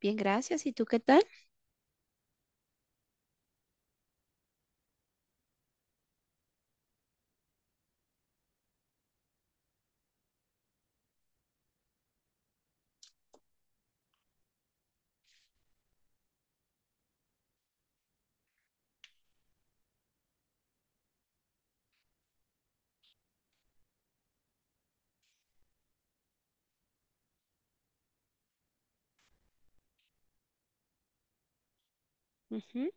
Bien, gracias. ¿Y tú qué tal? Ujú,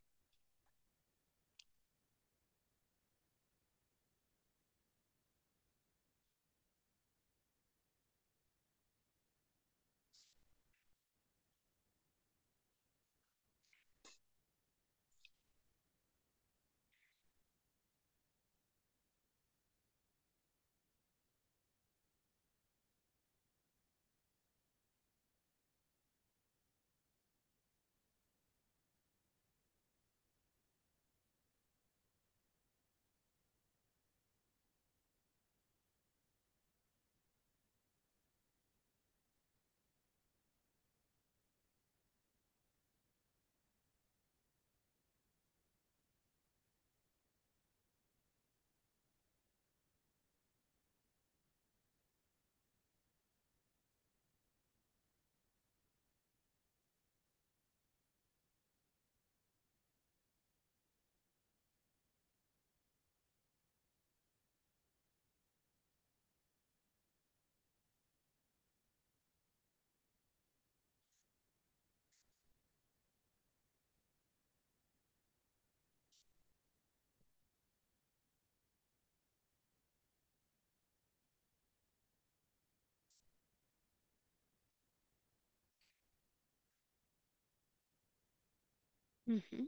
ujú.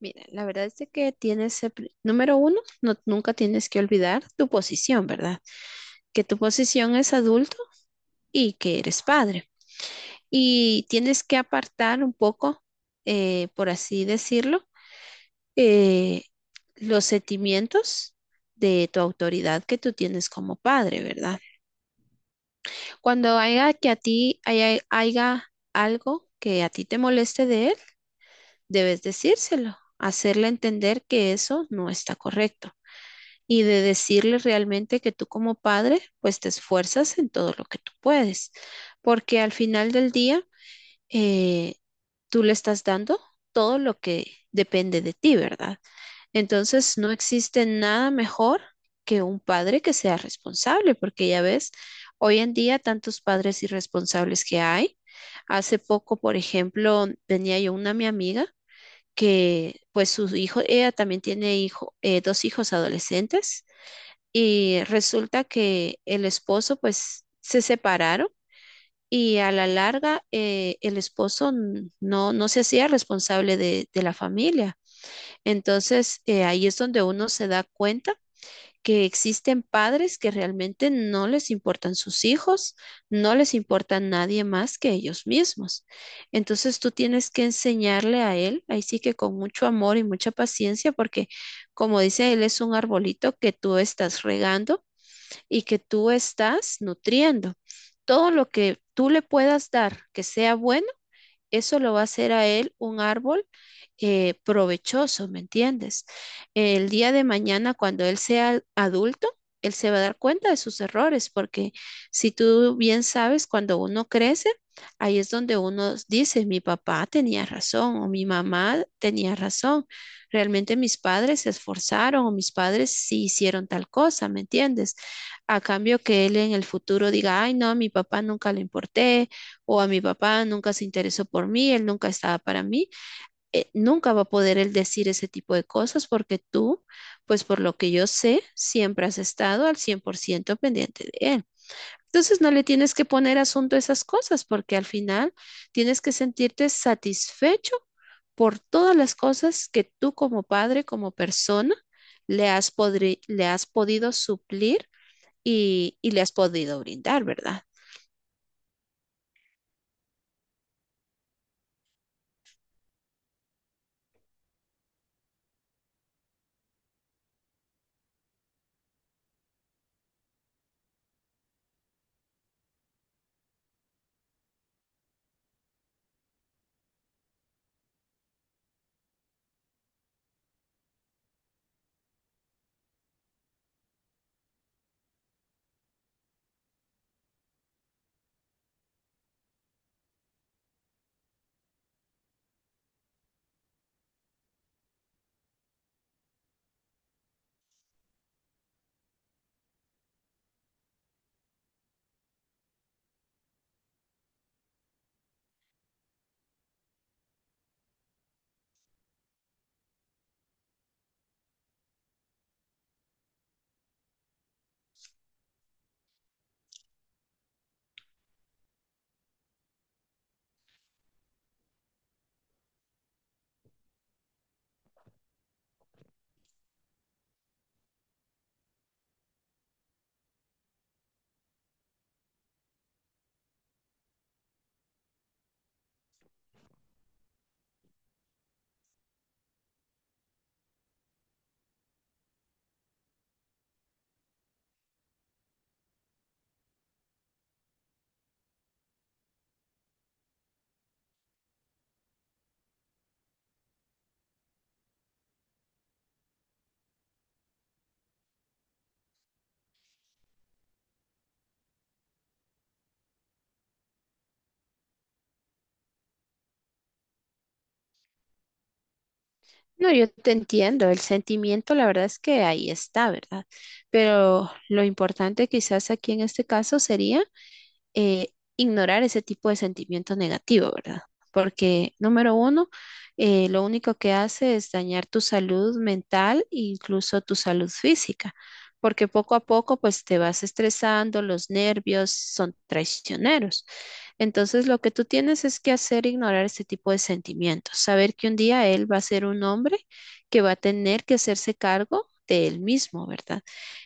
Mira, la verdad es de que tienes, número uno, no, nunca tienes que olvidar tu posición, ¿verdad? Que tu posición es adulto y que eres padre. Y tienes que apartar un poco, por así decirlo, eh, los sentimientos de tu autoridad que tú tienes como padre, ¿verdad? Cuando haya algo que a ti te moleste de él, debes decírselo, hacerle entender que eso no está correcto y de decirle realmente que tú como padre, pues te esfuerzas en todo lo que tú puedes, porque al final del día, eh, tú le estás dando todo lo que depende de ti, ¿verdad? Entonces, no existe nada mejor que un padre que sea responsable, porque ya ves, hoy en día tantos padres irresponsables que hay. Hace poco, por ejemplo, tenía yo una mi amiga que pues su hijo, ella también tiene hijo, dos hijos adolescentes y resulta que el esposo pues se separaron y a la larga el esposo no, no se hacía responsable de la familia. Entonces ahí es donde uno se da cuenta que existen padres que realmente no les importan sus hijos, no les importa nadie más que ellos mismos. Entonces tú tienes que enseñarle a él, ahí sí que con mucho amor y mucha paciencia, porque como dice él, es un arbolito que tú estás regando y que tú estás nutriendo. Todo lo que tú le puedas dar que sea bueno, eso lo va a hacer a él un árbol provechoso, ¿me entiendes? El día de mañana, cuando él sea adulto, él se va a dar cuenta de sus errores, porque si tú bien sabes, cuando uno crece, ahí es donde uno dice, mi papá tenía razón o mi mamá tenía razón, realmente mis padres se esforzaron o mis padres sí hicieron tal cosa, ¿me entiendes? A cambio que él en el futuro diga, ay, no, a mi papá nunca le importé, o a mi papá nunca se interesó por mí, él nunca estaba para mí, nunca va a poder él decir ese tipo de cosas porque tú, pues por lo que yo sé, siempre has estado al 100% pendiente de él. Entonces no le tienes que poner asunto a esas cosas porque al final tienes que sentirte satisfecho por todas las cosas que tú como padre, como persona, le has, le has podido suplir y le has podido brindar, ¿verdad? No, yo te entiendo, el sentimiento la verdad es que ahí está, ¿verdad? Pero lo importante quizás aquí en este caso sería eh, ignorar ese tipo de sentimiento negativo, ¿verdad? Porque, número uno, lo único que hace es dañar tu salud mental e incluso tu salud física, porque poco a poco, pues te vas estresando, los nervios son traicioneros. Entonces, lo que tú tienes es que hacer ignorar ese tipo de sentimientos, saber que un día él va a ser un hombre que va a tener que hacerse cargo de él mismo, ¿verdad?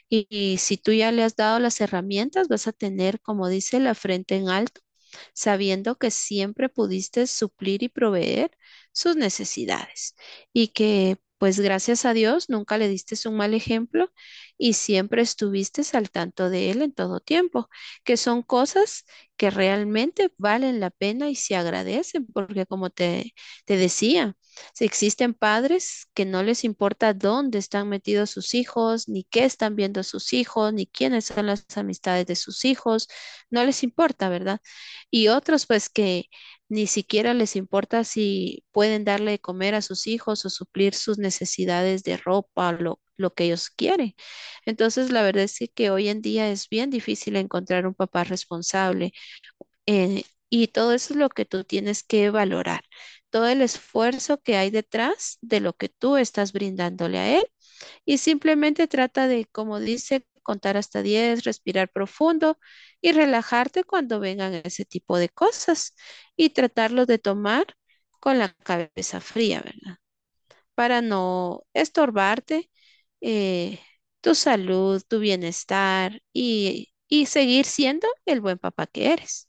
Y si tú ya le has dado las herramientas, vas a tener, como dice, la frente en alto, sabiendo que siempre pudiste suplir y proveer sus necesidades y que, pues gracias a Dios, nunca le diste un mal ejemplo y siempre estuviste al tanto de él en todo tiempo, que son cosas que realmente valen la pena y se agradecen, porque te decía, si existen padres que no les importa dónde están metidos sus hijos, ni qué están viendo sus hijos, ni quiénes son las amistades de sus hijos, no les importa, ¿verdad? Y otros pues que ni siquiera les importa si pueden darle de comer a sus hijos o suplir sus necesidades de ropa, lo que ellos quieren. Entonces, la verdad es que hoy en día es bien difícil encontrar un papá responsable, eh, y todo eso es lo que tú tienes que valorar, todo el esfuerzo que hay detrás de lo que tú estás brindándole a él y simplemente trata de, como dice, contar hasta 10, respirar profundo y relajarte cuando vengan ese tipo de cosas y tratarlos de tomar con la cabeza fría, ¿verdad? Para no estorbarte eh, tu salud, tu bienestar y seguir siendo el buen papá que eres.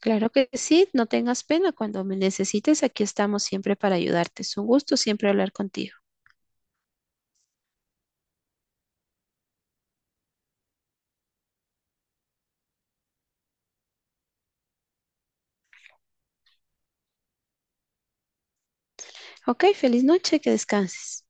Claro que sí, no tengas pena. Cuando me necesites, aquí estamos siempre para ayudarte. Es un gusto siempre hablar contigo. Ok, feliz noche, que descanses.